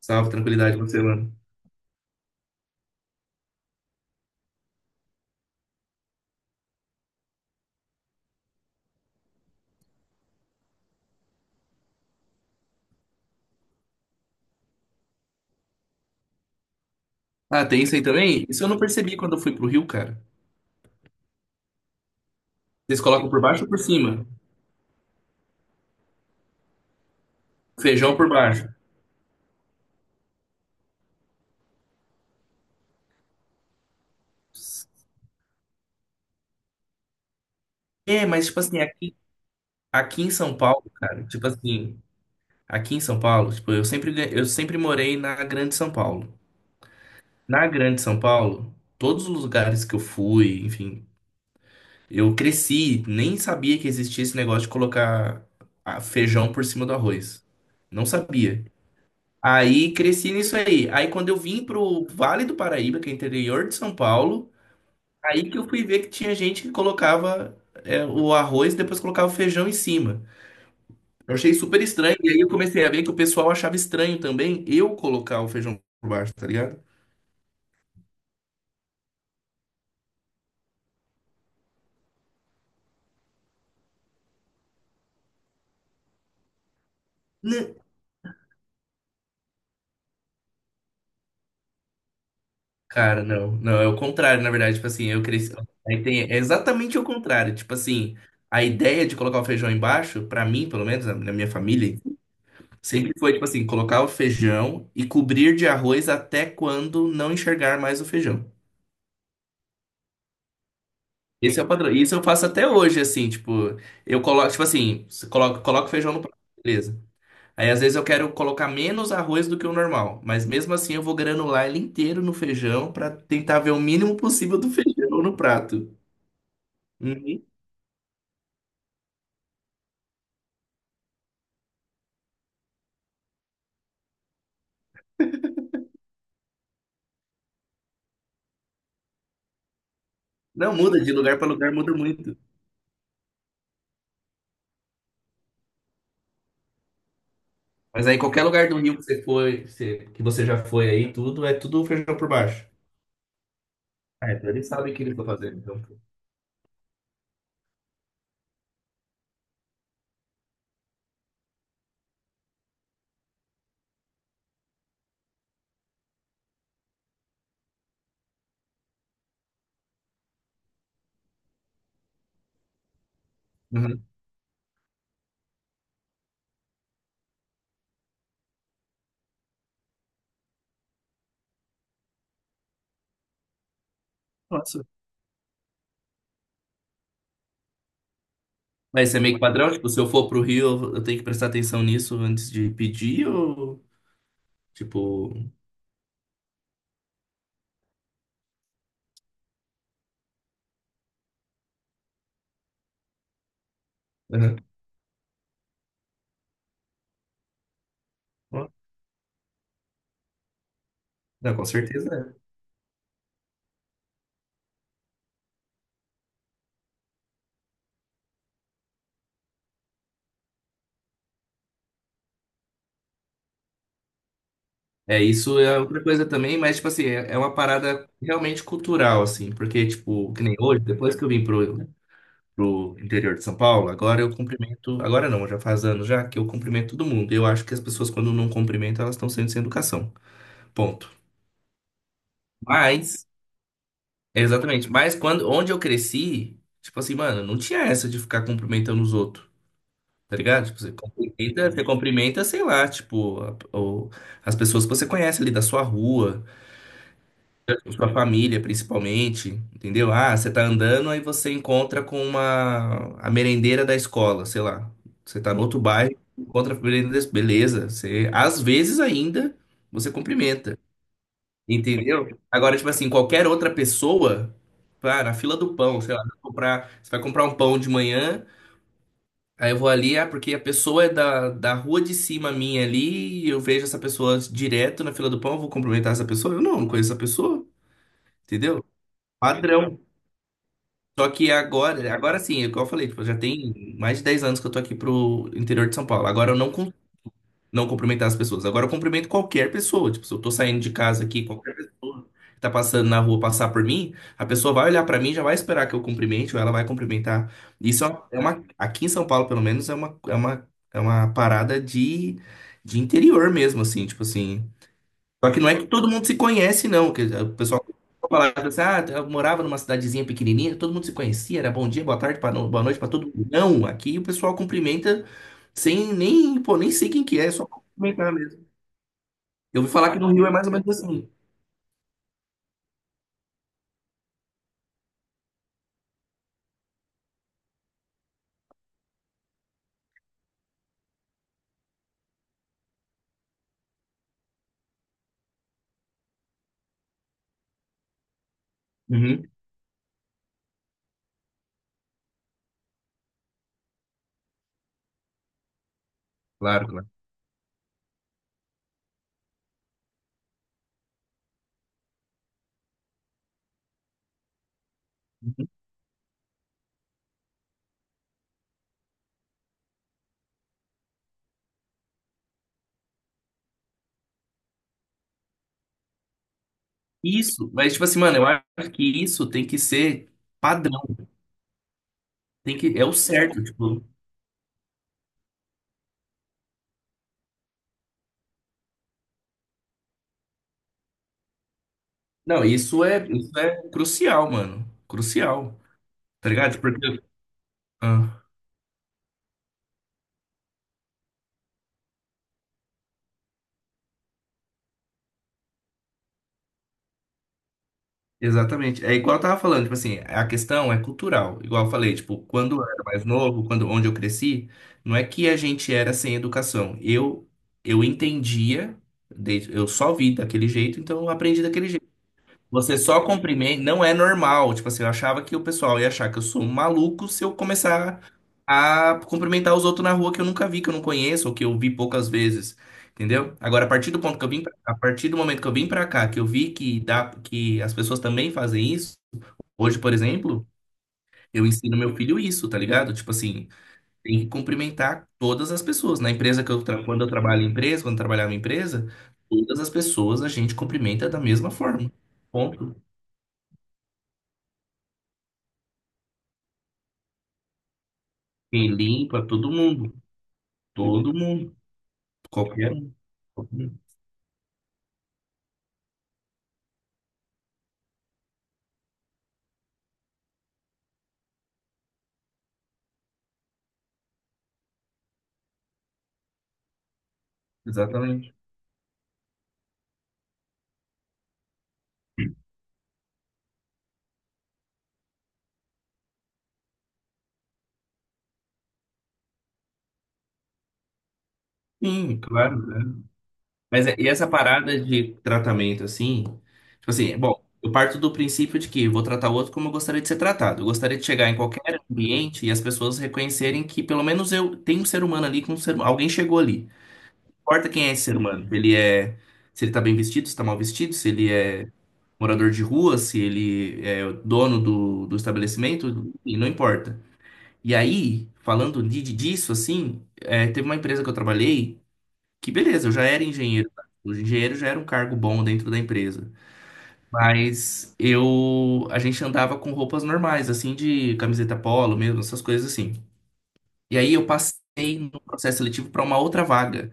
Salve, tranquilidade, você, mano. Ah, tem isso aí também? Isso eu não percebi quando eu fui pro Rio, cara. Vocês colocam por baixo ou por cima? Feijão por baixo. É, mas tipo assim, aqui, aqui em São Paulo, cara, tipo assim, aqui em São Paulo, tipo, eu sempre, eu sempre morei na Grande São Paulo. Na Grande São Paulo, todos os lugares que eu fui, enfim, eu cresci, nem sabia que existia esse negócio de colocar ah, feijão por cima do arroz. Não sabia. Aí cresci nisso aí. Aí quando eu vim pro Vale do Paraíba, que é interior de São Paulo, aí que eu fui ver que tinha gente que colocava é, o arroz e depois colocava o feijão em cima. Eu achei super estranho. E aí eu comecei a ver que o pessoal achava estranho também eu colocar o feijão por baixo, tá ligado? Né? Cara, não. Não, é o contrário, na verdade. Tipo assim, eu cresci. Aí tem... É exatamente o contrário. Tipo assim, a ideia de colocar o feijão embaixo, pra mim, pelo menos, na minha família sempre foi, tipo assim, colocar o feijão e cobrir de arroz até quando não enxergar mais o feijão. Esse é o padrão. Isso eu faço até hoje, assim, tipo, eu coloco, tipo assim, você coloca, coloca o feijão no prato, beleza. Aí às vezes eu quero colocar menos arroz do que o normal, mas mesmo assim eu vou granular ele inteiro no feijão pra tentar ver o mínimo possível do feijão no prato. Uhum. Não muda, de lugar pra lugar muda muito. Mas aí qualquer lugar do Rio que você foi, que você já foi aí, tudo, é tudo feijão por baixo. Ah, então eles sabem o que eles estão fazendo, então. Uhum. Nossa. Mas isso é meio que padrão? Tipo, se eu for pro Rio, eu tenho que prestar atenção nisso antes de pedir ou, tipo... Uhum. Ó, não, com certeza é. É, isso é outra coisa também, mas, tipo assim, é uma parada realmente cultural, assim, porque, tipo, que nem hoje, depois que eu vim pro, pro interior de São Paulo, agora eu cumprimento, agora não, já faz anos já que eu cumprimento todo mundo. Eu acho que as pessoas, quando não cumprimentam, elas estão sendo sem educação. Ponto. Mas exatamente. Mas quando, onde eu cresci, tipo assim, mano, não tinha essa de ficar cumprimentando os outros, tá ligado? Tipo, você cumprimenta, sei lá, tipo, as pessoas que você conhece ali da sua rua, da sua família principalmente, entendeu? Ah, você tá andando, aí você encontra com uma, a merendeira da escola, sei lá. Você tá no outro bairro, encontra a merendeira, beleza. Você, às vezes ainda, você cumprimenta. Entendeu? Agora, tipo assim, qualquer outra pessoa, pá, na fila do pão, sei lá, vai comprar, você vai comprar um pão de manhã, aí eu vou ali, ah, porque a pessoa é da rua de cima minha ali, e eu vejo essa pessoa direto na fila do pão, eu vou cumprimentar essa pessoa? Eu não conheço essa pessoa, entendeu? Padrão. Só que agora, agora sim, é o que eu falei, tipo, já tem mais de 10 anos que eu tô aqui pro interior de São Paulo. Agora eu não con- não cumprimentar as pessoas. Agora eu cumprimento qualquer pessoa. Tipo, se eu tô saindo de casa aqui, qualquer pessoa que tá passando na rua passar por mim, a pessoa vai olhar pra mim, e já vai esperar que eu cumprimente, ou ela vai cumprimentar. Isso é aqui em São Paulo, pelo menos, é uma parada de interior mesmo, assim, tipo assim. Só que não é que todo mundo se conhece, não. Que o pessoal falava assim, ah, eu morava numa cidadezinha pequenininha, todo mundo se conhecia, era bom dia, boa tarde, boa noite para todo mundo. Não, aqui o pessoal cumprimenta sem nem, pô, nem sei quem que é, é só cumprimentar mesmo. Eu ouvi falar que no Rio é mais ou menos assim. Uhum, claro, claro. Uhum. Isso, mas tipo assim, mano, eu acho que isso tem que ser padrão, tem que, é o certo, tipo. Não, isso é crucial, mano, crucial, tá ligado? Porque... Ah. Exatamente. É igual eu tava falando, tipo assim, a questão é cultural. Igual eu falei, tipo, quando eu era mais novo, quando onde eu cresci, não é que a gente era sem educação. Eu entendia, eu só vi daquele jeito, então eu aprendi daquele jeito. Você só cumprimenta, não é normal. Tipo assim, eu achava que o pessoal ia achar que eu sou um maluco se eu começar a cumprimentar os outros na rua que eu nunca vi, que eu não conheço, ou que eu vi poucas vezes. Entendeu? Agora, a partir do ponto que eu vim pra, a partir do momento que eu vim pra cá, que eu vi que dá, que as pessoas também fazem isso. Hoje, por exemplo, eu ensino meu filho isso, tá ligado? Tipo assim, tem que cumprimentar todas as pessoas. Na empresa que eu, quando eu trabalho em empresa, quando eu trabalhava em empresa, todas as pessoas a gente cumprimenta da mesma forma. Ponto. Quem limpa, todo mundo. Todo mundo. Qualquer um, qualquer um. Exatamente. Sim, claro, né? E essa parada de tratamento, assim, tipo assim, bom, eu parto do princípio de que eu vou tratar o outro como eu gostaria de ser tratado. Eu gostaria de chegar em qualquer ambiente e as pessoas reconhecerem que pelo menos eu tenho um ser humano ali com um ser, alguém chegou ali. Não importa quem é esse ser humano. Ele é, se ele tá bem vestido, se tá mal vestido, se ele é morador de rua, se ele é o dono do, do estabelecimento, e não importa. E aí, disso, assim, é, teve uma empresa que eu trabalhei que, beleza, eu já era engenheiro, tá? O engenheiro já era um cargo bom dentro da empresa. Mas eu, a gente andava com roupas normais, assim, de camiseta polo mesmo, essas coisas assim. E aí eu passei no processo seletivo para uma outra vaga,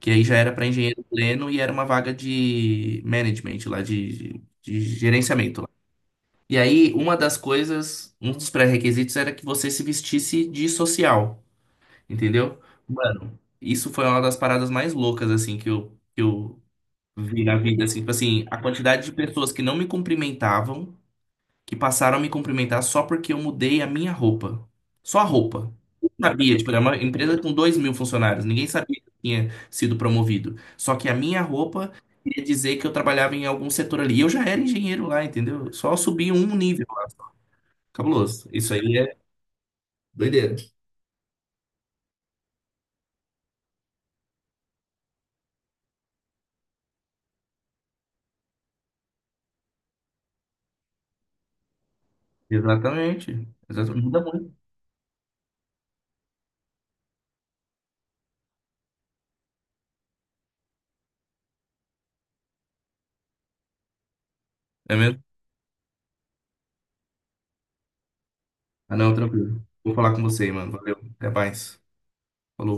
que aí já era para engenheiro pleno e era uma vaga de management lá, de gerenciamento lá. E aí, uma das coisas, um dos pré-requisitos era que você se vestisse de social. Entendeu? Mano, isso foi uma das paradas mais loucas, assim, que eu vi na vida, assim, tipo assim, a quantidade de pessoas que não me cumprimentavam, que passaram a me cumprimentar só porque eu mudei a minha roupa. Só a roupa. Ninguém sabia, tipo, era uma empresa com 2.000 funcionários, ninguém sabia que eu tinha sido promovido. Só que a minha roupa queria dizer que eu trabalhava em algum setor ali. E eu já era engenheiro lá, entendeu? Só subi um nível lá. Cabuloso. Isso aí é doideira. Exatamente. Exatamente. Muda muito. É mesmo. Ah, não, tranquilo. Vou falar com você, mano. Valeu. Até mais. Falou.